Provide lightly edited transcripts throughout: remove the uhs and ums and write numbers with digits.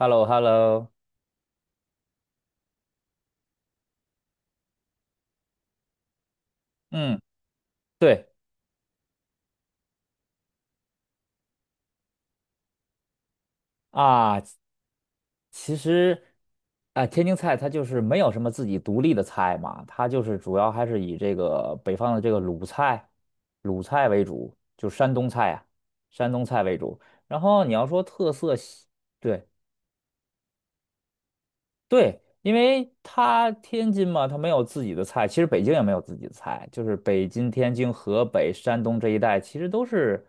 h e l l o h e l l o 嗯，对啊，其实天津菜它就是没有什么自己独立的菜嘛，它就是主要还是以这个北方的这个鲁菜为主，就山东菜啊，山东菜为主。然后你要说特色西对对，因为它天津嘛，它没有自己的菜，其实北京也没有自己的菜，就是北京、天津、河北、山东这一带，其实都是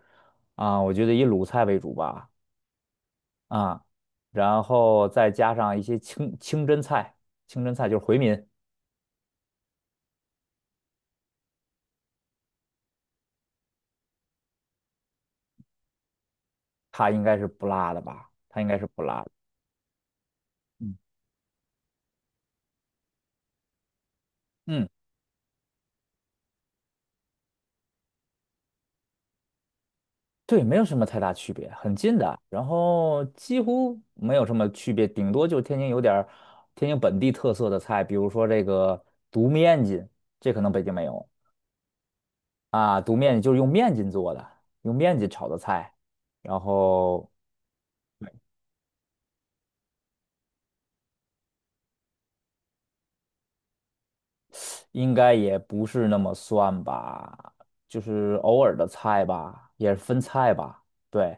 我觉得以鲁菜为主吧。啊，然后再加上一些清真菜，清真菜就是回民，它应该是不辣的吧？它应该是不辣的。嗯嗯，对，没有什么太大区别，很近的，然后几乎没有什么区别，顶多就是天津有点儿天津本地特色的菜，比如说这个独面筋，这可能北京没有。独面筋就是用面筋做的，用面筋炒的菜，然后应该也不是那么算吧，就是偶尔的菜吧，也是分菜吧，对。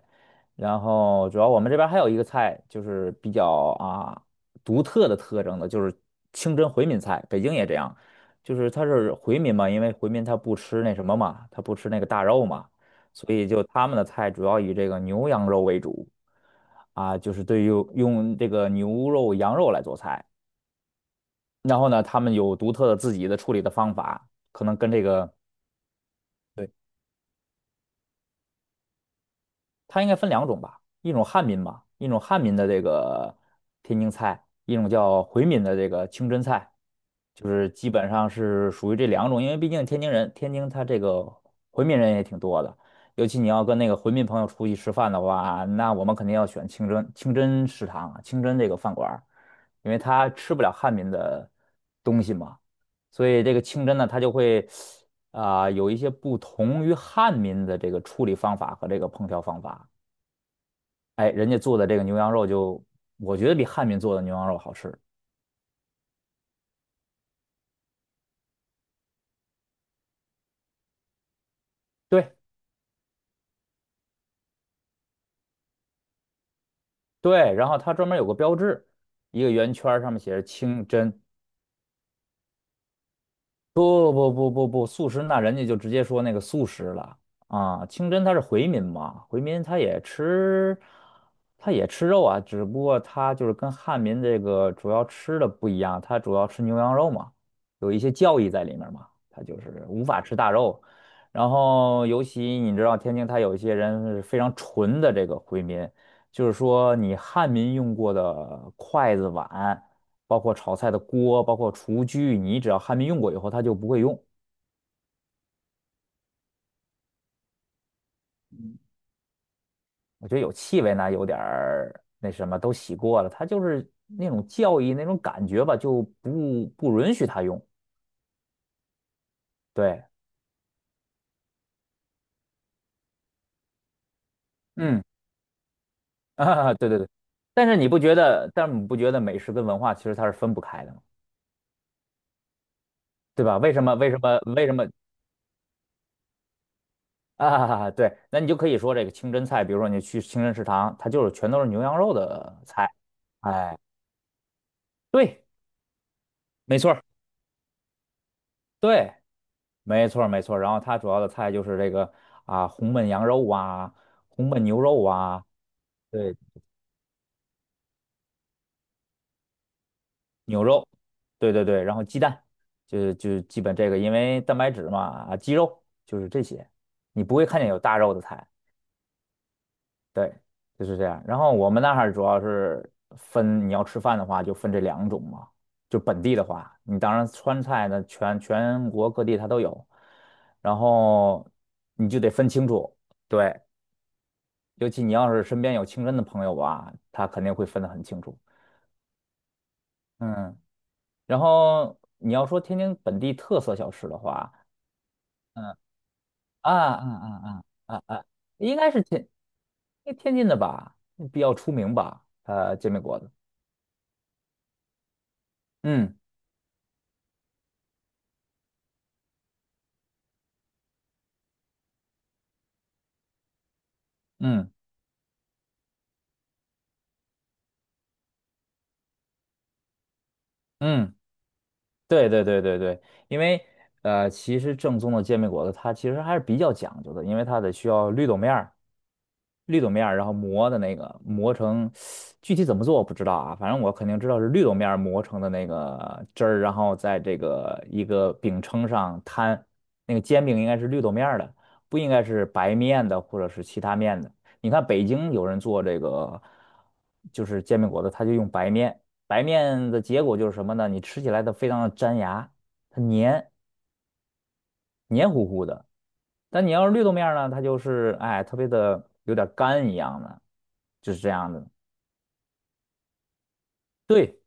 然后主要我们这边还有一个菜，就是比较独特的特征的，就是清真回民菜，北京也这样，就是它是回民嘛，因为回民他不吃那什么嘛，他不吃那个大肉嘛，所以就他们的菜主要以这个牛羊肉为主，就是对于用这个牛肉、羊肉来做菜。然后呢，他们有独特的自己的处理的方法，可能跟这个，对，它应该分两种吧，一种汉民吧，一种汉民的这个天津菜，一种叫回民的这个清真菜，就是基本上是属于这两种，因为毕竟天津人，天津他这个回民人也挺多的，尤其你要跟那个回民朋友出去吃饭的话，那我们肯定要选清真食堂啊清真这个饭馆儿，因为他吃不了汉民的东西嘛。所以这个清真呢，他就会有一些不同于汉民的这个处理方法和这个烹调方法。哎，人家做的这个牛羊肉就，我觉得比汉民做的牛羊肉好吃。对对，然后它专门有个标志，一个圆圈儿上面写着清真，不不不不不，素食那人家就直接说那个素食了。清真他是回民嘛，回民他也吃，他也吃肉啊，只不过他就是跟汉民这个主要吃的不一样，他主要吃牛羊肉嘛，有一些教义在里面嘛，他就是无法吃大肉。然后尤其你知道天津，他有一些人是非常纯的这个回民，就是说你汉民用过的筷子碗。包括炒菜的锅，包括厨具，你只要还没用过以后，它就不会用。我觉得有气味呢，有点儿那什么，都洗过了，它就是那种教义那种感觉吧，就不允许它用。对，嗯，对对对。但是你不觉得，但是你不觉得美食跟文化其实它是分不开的吗？对吧？为什么？为什么？为什么？对，那你就可以说这个清真菜，比如说你去清真食堂，它就是全都是牛羊肉的菜。哎，对，没错儿，对。没错儿没错儿然后它主要的菜就是这个红焖羊肉啊，红焖牛肉啊，对，牛肉，对对对，然后鸡蛋，就基本这个，因为蛋白质嘛，鸡肉就是这些，你不会看见有大肉的菜，对，就是这样。然后我们那儿主要是分，你要吃饭的话就分这两种嘛，就本地的话，你当然川菜呢，全国各地它都有，然后你就得分清楚。对，尤其你要是身边有清真的朋友吧，他肯定会分得很清楚。嗯，然后你要说天津本地特色小吃的话，嗯啊啊啊啊啊啊，应该是天因为天津的吧，比较出名吧，煎饼果子。嗯嗯嗯，对对对对对，因为其实正宗的煎饼果子它其实还是比较讲究的，因为它得需要绿豆面儿。绿豆面儿，然后磨的那个磨成，具体怎么做我不知道啊，反正我肯定知道是绿豆面儿磨成的那个汁儿，然后在这个一个饼铛上摊，那个煎饼应该是绿豆面儿的，不应该是白面的或者是其他面的。你看北京有人做这个，就是煎饼果子，他就用白面，白面的结果就是什么呢？你吃起来它非常的粘牙，它黏糊糊的。但你要是绿豆面儿呢，它就是哎，特别的有点干一样的，就是这样的。对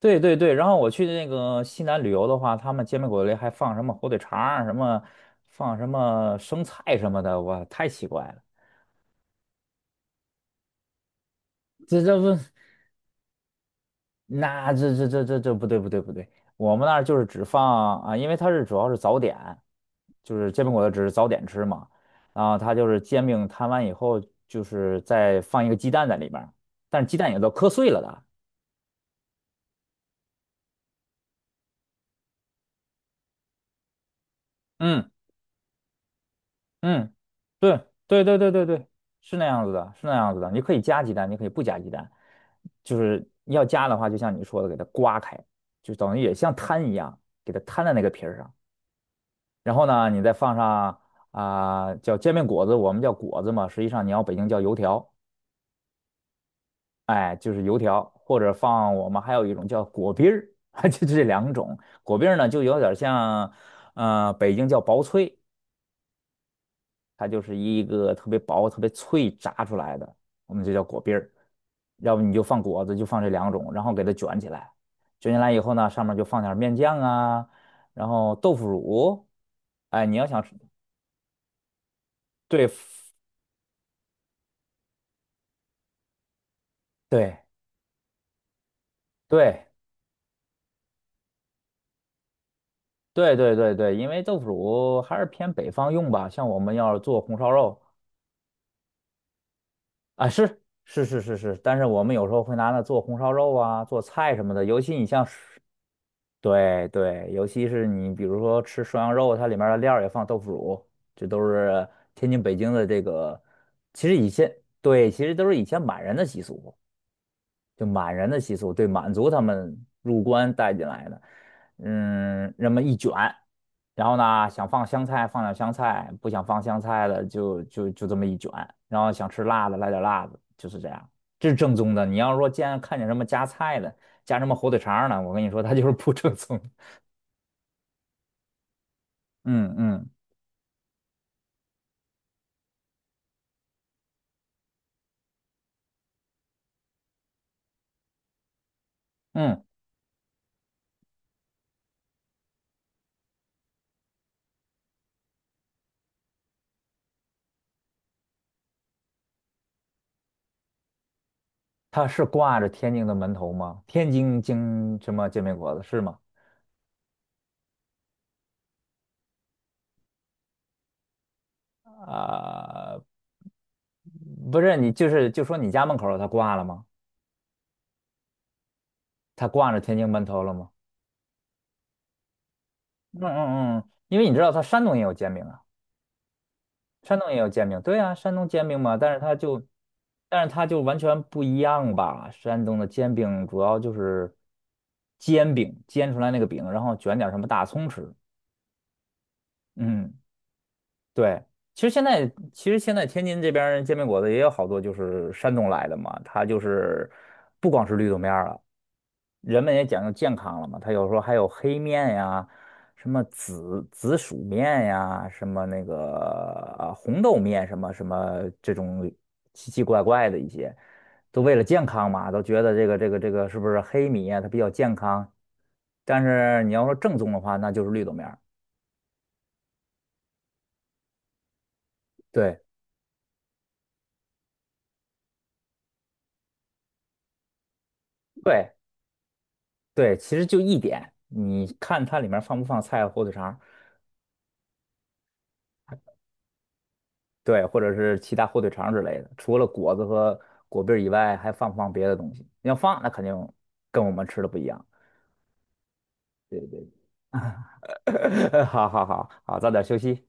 对对对，然后我去那个西南旅游的话，他们煎饼果子里还放什么火腿肠儿，什么放什么生菜什么的，哇，太奇怪了。这这不，那这不对不对不对，我们那儿就是只放因为它是主要是早点，就是煎饼果子只是早点吃嘛，然后它就是煎饼摊完以后，就是再放一个鸡蛋在里边儿，但是鸡蛋也都磕碎了的。嗯嗯，对对对对对对，是那样子的，是那样子的。你可以加鸡蛋，你可以不加鸡蛋，就是要加的话，就像你说的，给它刮开，就等于也像摊一样，给它摊在那个皮儿上。然后呢，你再放上叫煎饼果子，我们叫果子嘛，实际上你要北京叫油条，哎，就是油条，或者放我们还有一种叫果篦儿，就这两种。果篦儿呢，就有点像，北京叫薄脆。它就是一个特别薄、特别脆炸出来的，我们就叫果篦儿。要不你就放果子，就放这两种，然后给它卷起来。卷起来以后呢，上面就放点儿面酱啊，然后豆腐乳。哎，你要想吃，对对对对对对对，因为豆腐乳还是偏北方用吧，像我们要是做红烧肉啊，是是是是是，但是我们有时候会拿它做红烧肉啊，做菜什么的，尤其你像。对对，尤其是你比如说吃涮羊肉，它里面的料儿也放豆腐乳，这都是天津、北京的这个，其实以前对，其实都是以前满人的习俗，就满人的习俗，对满族他们入关带进来的，嗯，那么一卷，然后呢，想放香菜放点香菜，不想放香菜的就这么一卷，然后想吃辣的来点辣的，就是这样，这是正宗的。你要说见看见什么夹菜的，夹什么火腿肠儿呢，我跟你说，它就是不正宗嗯嗯嗯，它是挂着天津的门头吗？天津京什么煎饼果子是吗？啊、不是，你就是就说你家门口儿它挂了吗？它挂着天津门头了吗？嗯嗯嗯，因为你知道它山东也有煎饼啊，山东也有煎饼，对啊，山东煎饼嘛，但是它就，但是它就完全不一样吧？山东的煎饼主要就是煎饼，煎出来那个饼，然后卷点儿什么大葱吃。嗯。对，其实现在其实现在天津这边儿煎饼果子也有好多就是山东来的嘛，它就是不光是绿豆面儿了，人们也讲究健康了嘛，它有时候还有黑面呀，什么紫薯面呀，什么那个啊红豆面什么什么这种奇奇怪怪的一些，都为了健康嘛，都觉得这个是不是黑米呀，它比较健康，但是你要说正宗的话，那就是绿豆面儿对对。对，其实就一点，你看它里面放不放菜、火腿肠儿对，或者是其他火腿肠儿之类的。除了果子和果篦儿以外，还放不放别的东西？你要放，那肯定跟我们吃的不一样。对对，好好好好，早点休息。